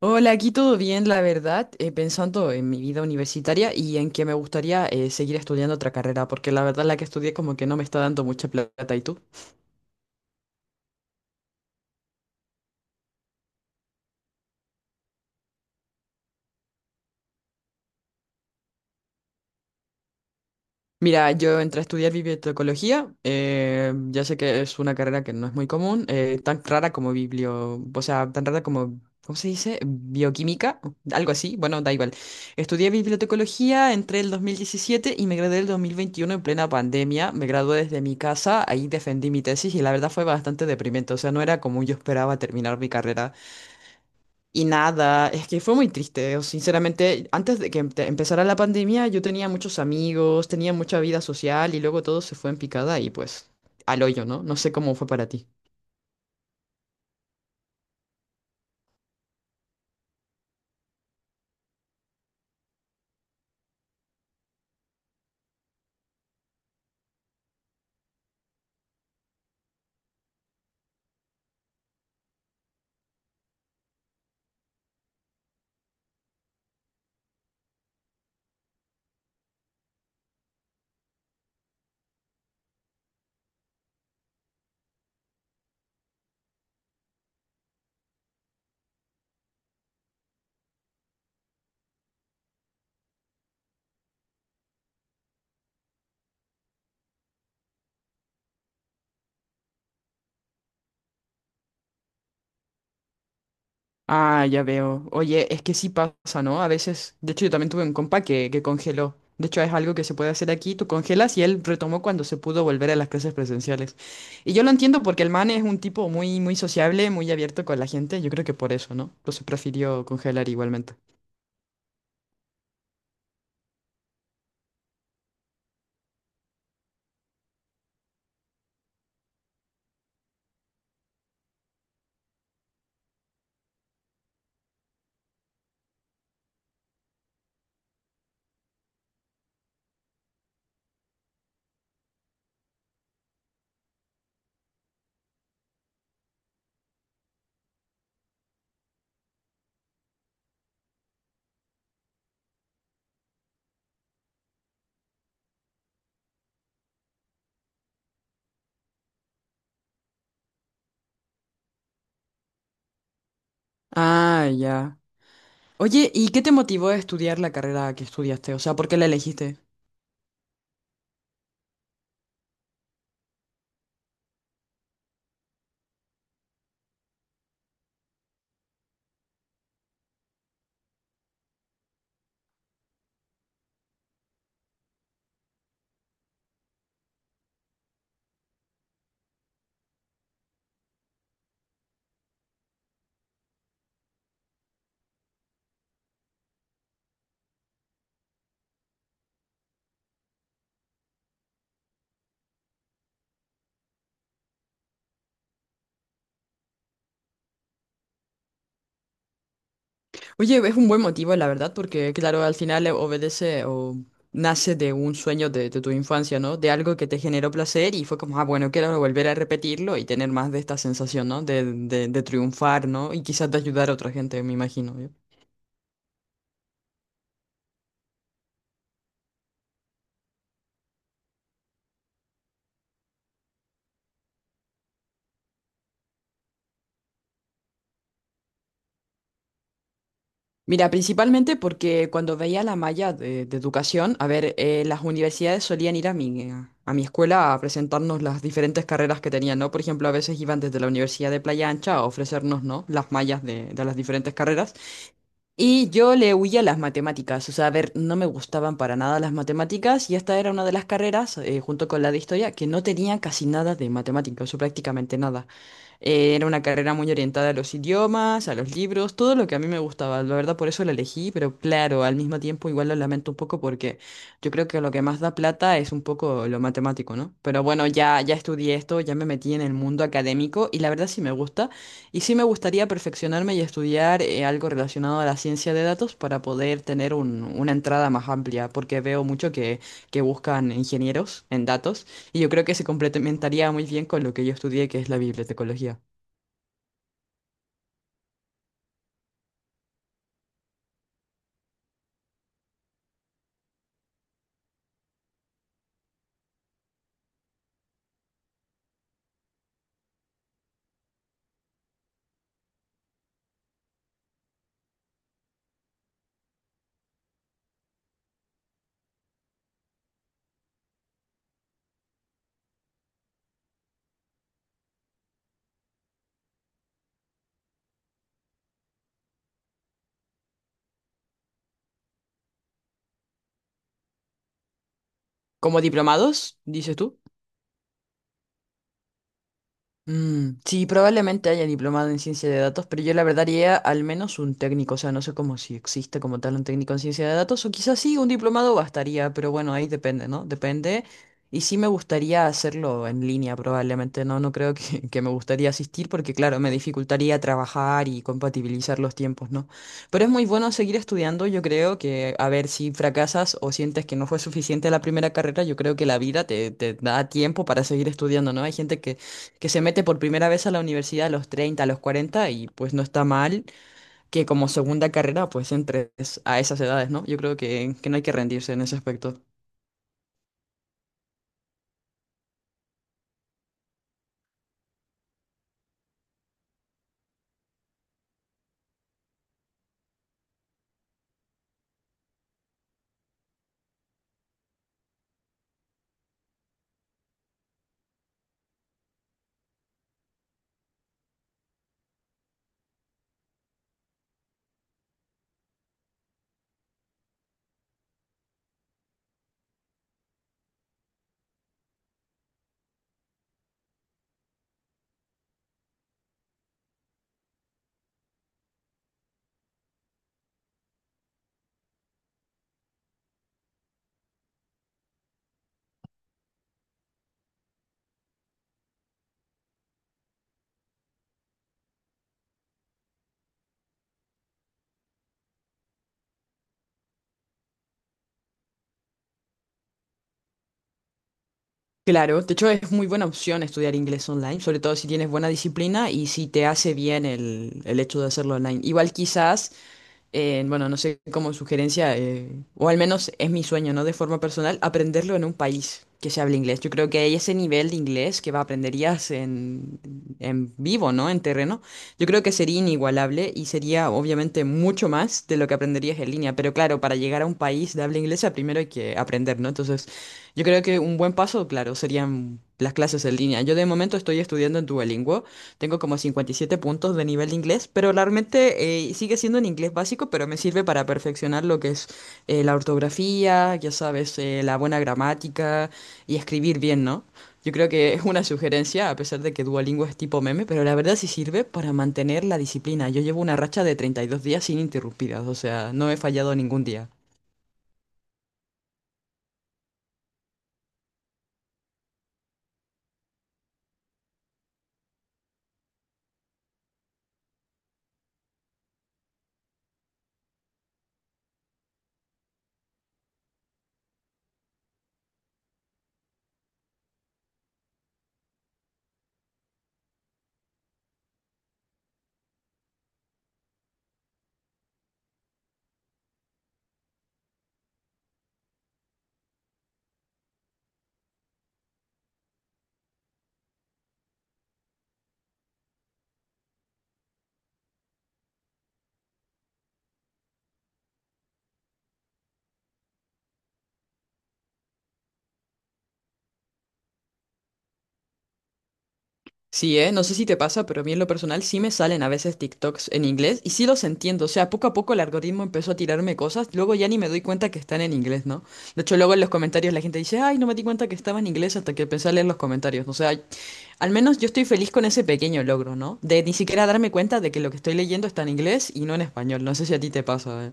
Hola, aquí todo bien, la verdad, pensando en mi vida universitaria y en que me gustaría seguir estudiando otra carrera, porque la verdad la que estudié como que no me está dando mucha plata. ¿Y tú? Mira, yo entré a estudiar bibliotecología, ya sé que es una carrera que no es muy común, tan rara como biblio, o sea, tan rara como, ¿cómo se dice? Bioquímica, algo así, bueno, da igual. Estudié bibliotecología, entré el 2017 y me gradué el 2021 en plena pandemia, me gradué desde mi casa, ahí defendí mi tesis y la verdad fue bastante deprimente, o sea, no era como yo esperaba terminar mi carrera. Y nada, es que fue muy triste, o sinceramente, antes de que empezara la pandemia yo tenía muchos amigos, tenía mucha vida social y luego todo se fue en picada y pues al hoyo, ¿no? No sé cómo fue para ti. Ah, ya veo. Oye, es que sí pasa, ¿no? A veces, de hecho yo también tuve un compa que congeló. De hecho es algo que se puede hacer aquí, tú congelas y él retomó cuando se pudo volver a las clases presenciales. Y yo lo entiendo porque el man es un tipo muy, muy sociable, muy abierto con la gente, yo creo que por eso, ¿no? Entonces prefirió congelar igualmente. Ah, ya. Oye, ¿y qué te motivó a estudiar la carrera que estudiaste? O sea, ¿por qué la elegiste? Oye, es un buen motivo, la verdad, porque claro, al final obedece o nace de un sueño de tu infancia, ¿no? De algo que te generó placer y fue como, ah, bueno, quiero volver a repetirlo y tener más de esta sensación, ¿no? De triunfar, ¿no? Y quizás de ayudar a otra gente, me imagino. ¿Eh? Mira, principalmente porque cuando veía la malla de educación, a ver, las universidades solían ir a a mi escuela a presentarnos las diferentes carreras que tenían, ¿no? Por ejemplo, a veces iban desde la Universidad de Playa Ancha a ofrecernos, ¿no? Las mallas de las diferentes carreras. Y yo le huía a las matemáticas, o sea, a ver, no me gustaban para nada las matemáticas y esta era una de las carreras, junto con la de historia, que no tenía casi nada de matemáticas, o prácticamente nada. Era una carrera muy orientada a los idiomas, a los libros, todo lo que a mí me gustaba. La verdad, por eso la elegí, pero claro, al mismo tiempo igual lo lamento un poco porque yo creo que lo que más da plata es un poco lo matemático, ¿no? Pero bueno, ya estudié esto, ya me metí en el mundo académico y la verdad sí me gusta. Y sí me gustaría perfeccionarme y estudiar algo relacionado a la ciencia de datos para poder tener una entrada más amplia, porque veo mucho que buscan ingenieros en datos. Y yo creo que se complementaría muy bien con lo que yo estudié, que es la bibliotecología. Como diplomados, dices tú. Mm, sí, probablemente haya diplomado en ciencia de datos, pero yo la verdad haría al menos un técnico, o sea, no sé cómo si existe como tal un técnico en ciencia de datos, o quizás sí, un diplomado bastaría, pero bueno, ahí depende, ¿no? Depende. Y sí me gustaría hacerlo en línea, probablemente, ¿no? No creo que me gustaría asistir porque, claro, me dificultaría trabajar y compatibilizar los tiempos, ¿no? Pero es muy bueno seguir estudiando, yo creo que, a ver, si fracasas o sientes que no fue suficiente la primera carrera, yo creo que la vida te da tiempo para seguir estudiando, ¿no? Hay gente que se mete por primera vez a la universidad a los 30, a los 40 y pues no está mal que como segunda carrera pues entres a esas edades, ¿no? Yo creo que no hay que rendirse en ese aspecto. Claro, de hecho es muy buena opción estudiar inglés online, sobre todo si tienes buena disciplina y si te hace bien el hecho de hacerlo online. Igual quizás, bueno, no sé como sugerencia, o al menos es mi sueño, ¿no? De forma personal, aprenderlo en un país que se hable inglés. Yo creo que hay ese nivel de inglés que va, aprenderías en vivo, ¿no? En terreno. Yo creo que sería inigualable y sería obviamente mucho más de lo que aprenderías en línea. Pero claro, para llegar a un país de habla inglesa primero hay que aprender, ¿no? Entonces… Yo creo que un buen paso, claro, serían las clases en línea. Yo de momento estoy estudiando en Duolingo, tengo como 57 puntos de nivel de inglés, pero realmente sigue siendo un inglés básico, pero me sirve para perfeccionar lo que es la ortografía, ya sabes, la buena gramática y escribir bien, ¿no? Yo creo que es una sugerencia, a pesar de que Duolingo es tipo meme, pero la verdad sí sirve para mantener la disciplina. Yo llevo una racha de 32 días sin interrumpidas, o sea, no he fallado ningún día. Sí, ¿eh? No sé si te pasa, pero a mí en lo personal sí me salen a veces TikToks en inglés y sí los entiendo. O sea, poco a poco el algoritmo empezó a tirarme cosas, luego ya ni me doy cuenta que están en inglés, ¿no? De hecho, luego en los comentarios la gente dice, ay, no me di cuenta que estaba en inglés hasta que empecé a leer los comentarios. O sea, al menos yo estoy feliz con ese pequeño logro, ¿no? De ni siquiera darme cuenta de que lo que estoy leyendo está en inglés y no en español. No sé si a ti te pasa, ¿eh?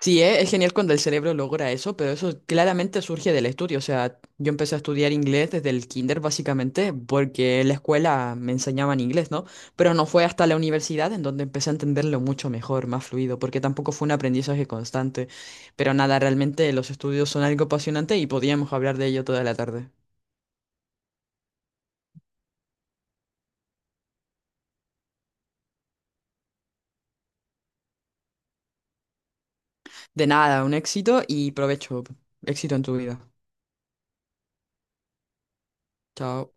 Sí, es genial cuando el cerebro logra eso, pero eso claramente surge del estudio. O sea, yo empecé a estudiar inglés desde el kinder, básicamente, porque en la escuela me enseñaban inglés, ¿no? Pero no fue hasta la universidad en donde empecé a entenderlo mucho mejor, más fluido, porque tampoco fue un aprendizaje constante. Pero nada, realmente los estudios son algo apasionante y podíamos hablar de ello toda la tarde. De nada, un éxito y provecho. Éxito en tu vida. Chao.